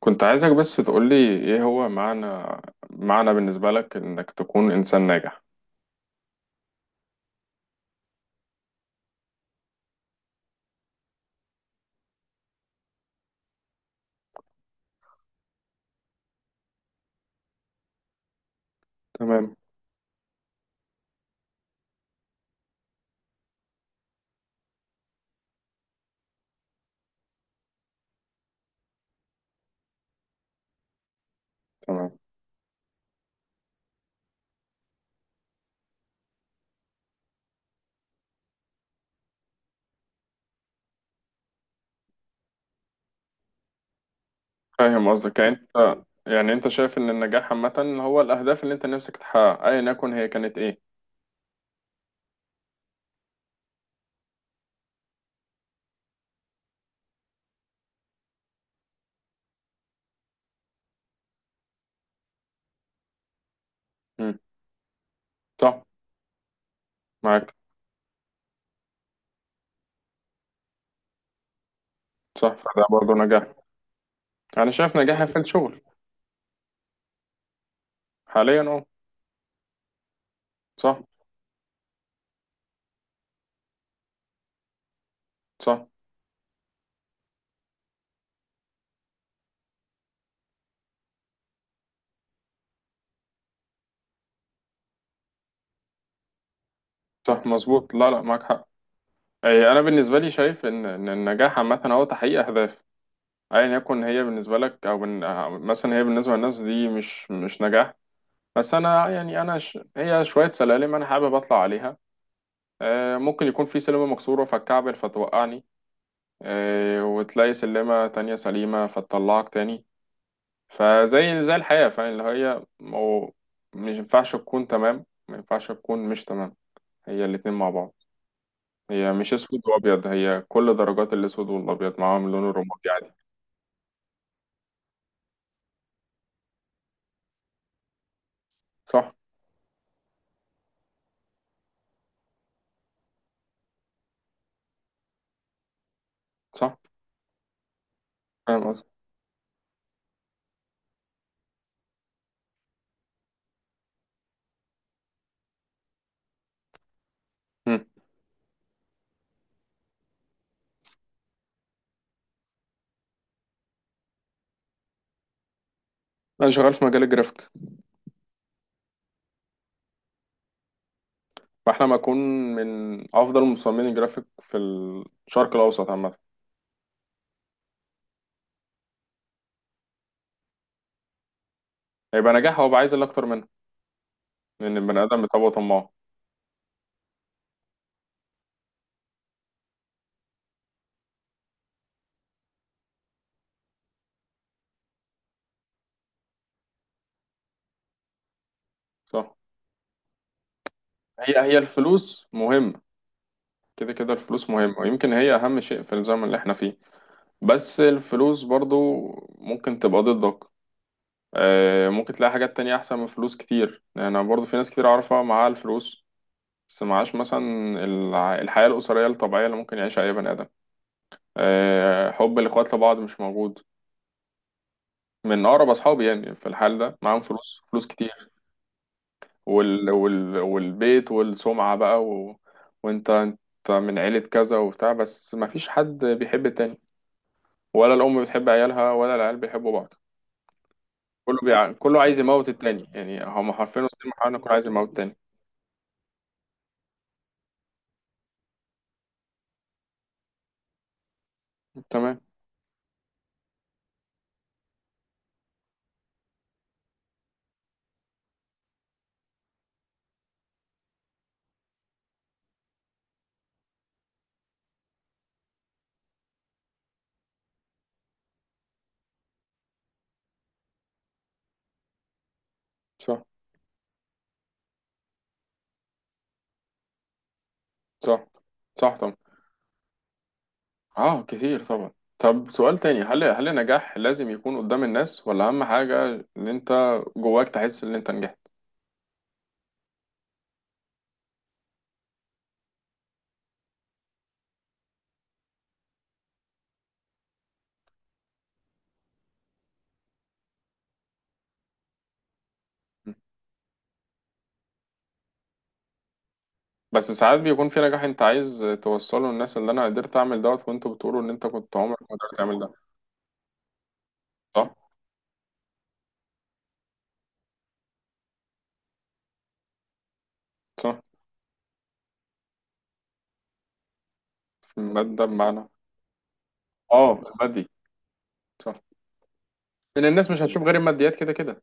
كنت عايزك بس تقولي ايه هو معنى بالنسبة لك انك تكون انسان ناجح؟ تمام، تمام. فاهم قصدك، يعني انت شايف ان النجاح عامة هو الاهداف اللي انت نفسك تحققها ايا يكن هي كانت ايه؟ مم. صح، معاك. صح، فده برضه نجاح. انا شايف نجاحي في الشغل حاليا، اه. صح، صح، صح، مظبوط. لا، لا، معاك حق. اي، انا بالنسبة لي شايف ان النجاح عامة هو تحقيق اهداف. ايا يكن هي بالنسبة لك. مثلا هي بالنسبة للناس دي مش نجاح. بس انا يعني انا ش... هي شويه سلالم انا حابب اطلع عليها. ممكن يكون في سلمه مكسوره فتكعبل فتوقعني. وتلاقي سلمه تانية سليمه فتطلعك تاني. فزي الحياه فاهم اللي هي. مش ينفعش تكون تمام، ما ينفعش تكون مش تمام. هي الاتنين مع بعض. هي مش اسود وابيض، هي كل درجات الاسود والابيض، معاهم اللون الرمادي عادي. صح، صح. فاهم قصدي. مم. انا شغال في مجال الجرافيك. فاحنا ما اكون من افضل مصممين الجرافيك في الشرق الاوسط عامه. هيبقى نجاح، هو بقى عايز اللي اكتر منه لان البني ادم بيتبقى طماع. صح. هي الفلوس مهمه. كده كده الفلوس مهمه، ويمكن هي اهم شيء في الزمن اللي احنا فيه. بس الفلوس برضو ممكن تبقى ضدك. ممكن تلاقي حاجات تانية احسن من فلوس كتير، انا برضو في ناس كتير اعرفها معاها الفلوس. بس معاش مثلا. الحياه الاسريه الطبيعيه اللي ممكن يعيشها اي بني ادم. حب الاخوات لبعض مش موجود. من اقرب اصحابي يعني في الحال ده معاهم فلوس، فلوس كتير. والبيت والسمعة بقى. وانت من عيلة كذا وبتاع، بس مفيش حد بيحب التاني. ولا الأم بتحب عيالها، ولا العيال بيحبوا بعض. كله عايز يموت التاني، يعني هما حرفيا وسط المحاولة كله عايز يموت التاني. تمام. صح. صح، صح طبعا. اه، كتير طبعا. طب سؤال تاني، هل النجاح لازم يكون قدام الناس، ولا أهم حاجة إن أنت جواك تحس إن أنت نجحت؟ بس ساعات بيكون في نجاح انت عايز توصله للناس، اللي انا قدرت اعمل دوت وانتوا بتقولوا ان انت كنت عمرك ما قدرت تعمل ده. صح. صح. في المادة بمعنى؟ اه، في المادي. صح. لان الناس مش هتشوف غير الماديات، كده كده.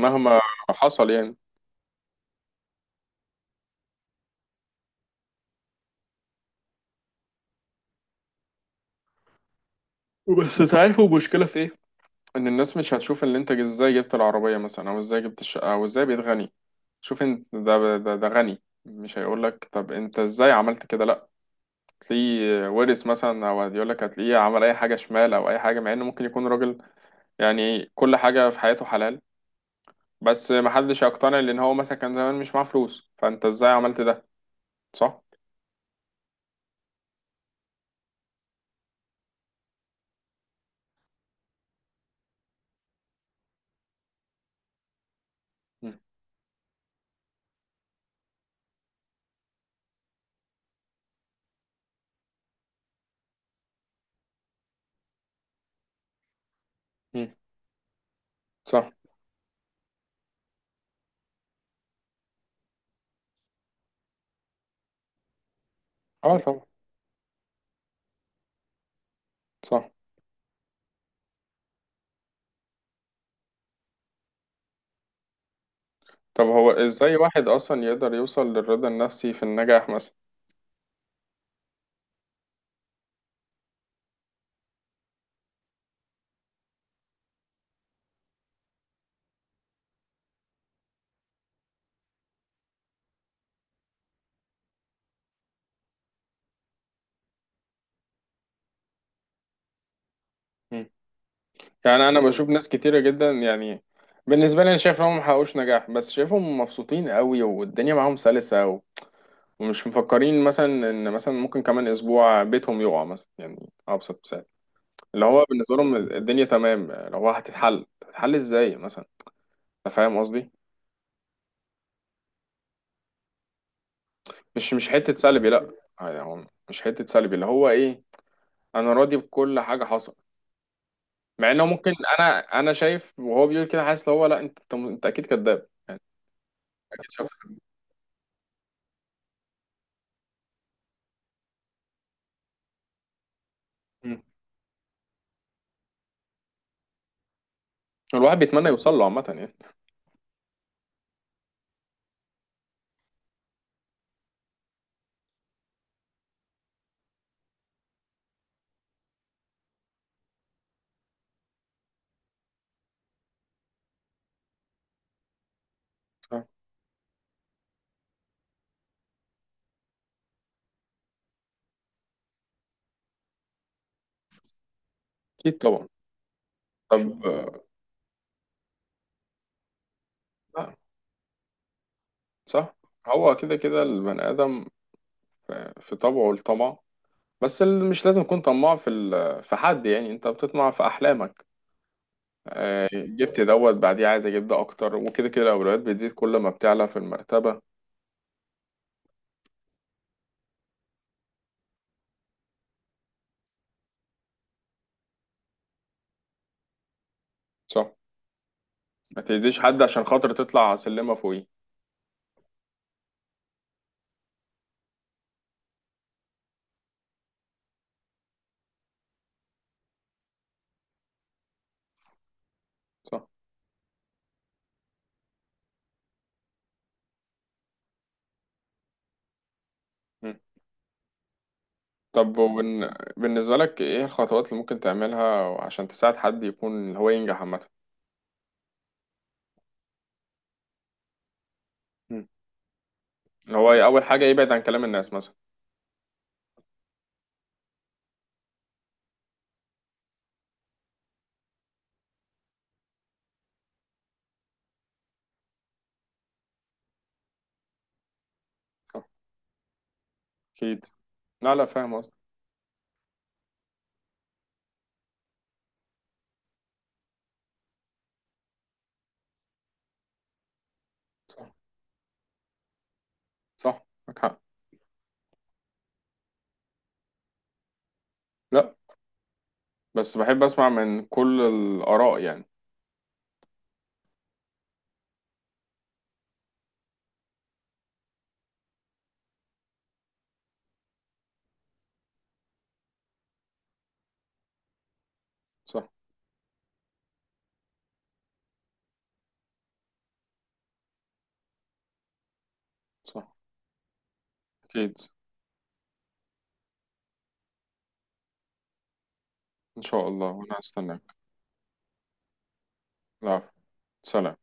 مهما حصل يعني. بس تعرفوا المشكلة في ايه؟ ان الناس مش هتشوف اللي انت ازاي جبت العربية مثلا، او ازاي جبت الشقة، او ازاي بقيت غني. شوف انت، ده غني مش هيقول لك طب انت ازاي عملت كده؟ لا. تلاقيه ورث مثلا، او يقول لك هتلاقيه عمل اي حاجة شمال، او اي حاجة، مع انه ممكن يكون راجل. يعني كل حاجة في حياته حلال. بس محدش يقتنع لأن هو مثلا كان زمان مش معاه فلوس، فأنت إزاي عملت ده. صح؟ مم. مم. صح. اه طبعا. صح. طب هو إزاي واحد أصلا يقدر يوصل للرضا النفسي في النجاح مثلا؟ مم. يعني أنا بشوف ناس كتيرة جدا يعني. بالنسبة لي أنا شايف إن هم محققوش نجاح، بس شايفهم مبسوطين قوي والدنيا معاهم سلسة. ومش مفكرين مثلا إن مثلا ممكن كمان أسبوع بيتهم يقع مثلا، يعني أبسط مثال. اللي هو بالنسبة لهم الدنيا تمام، اللي هو هتتحل ازاي مثلا. انت فاهم قصدي. مش حتة سلبي، لا. يعني هو مش حتة سلبي اللي هو ايه. انا راضي بكل حاجة حصلت. مع انه ممكن. انا شايف وهو بيقول كده حاسس اللي هو لا انت اكيد كذاب يعني. أنت اكيد شخص كذاب. مم. الواحد بيتمنى يوصل له عامة يعني. آه. اكيد طبعا. طب. لا. صح. هو كده كده البني ادم في طبعه الطمع. بس مش لازم يكون طماع في في حد، يعني انت بتطمع في احلامك. جبت دوت بعديه عايز اجيب ده اكتر، وكده كده الاولويات بتزيد كل ما بتعلى في المرتبه. صح. ما تأذيش حد عشان خاطر تطلع سلمه فوقيه. صح. مم. طب. بالنسبه لك ايه الخطوات اللي ممكن تعملها عشان تساعد حد يكون اللي هو ينجح عامه؟ مم. اللي هو اول حاجه يبعد عن كلام الناس مثلا. صح. اكيد. لا، لا، فاهم قصدك. صح، صح، معاك حق. لا، بس بحب اسمع من كل الاراء يعني. صح، صح، اكيد. ان شاء الله، وانا هستناك. لا. سلام.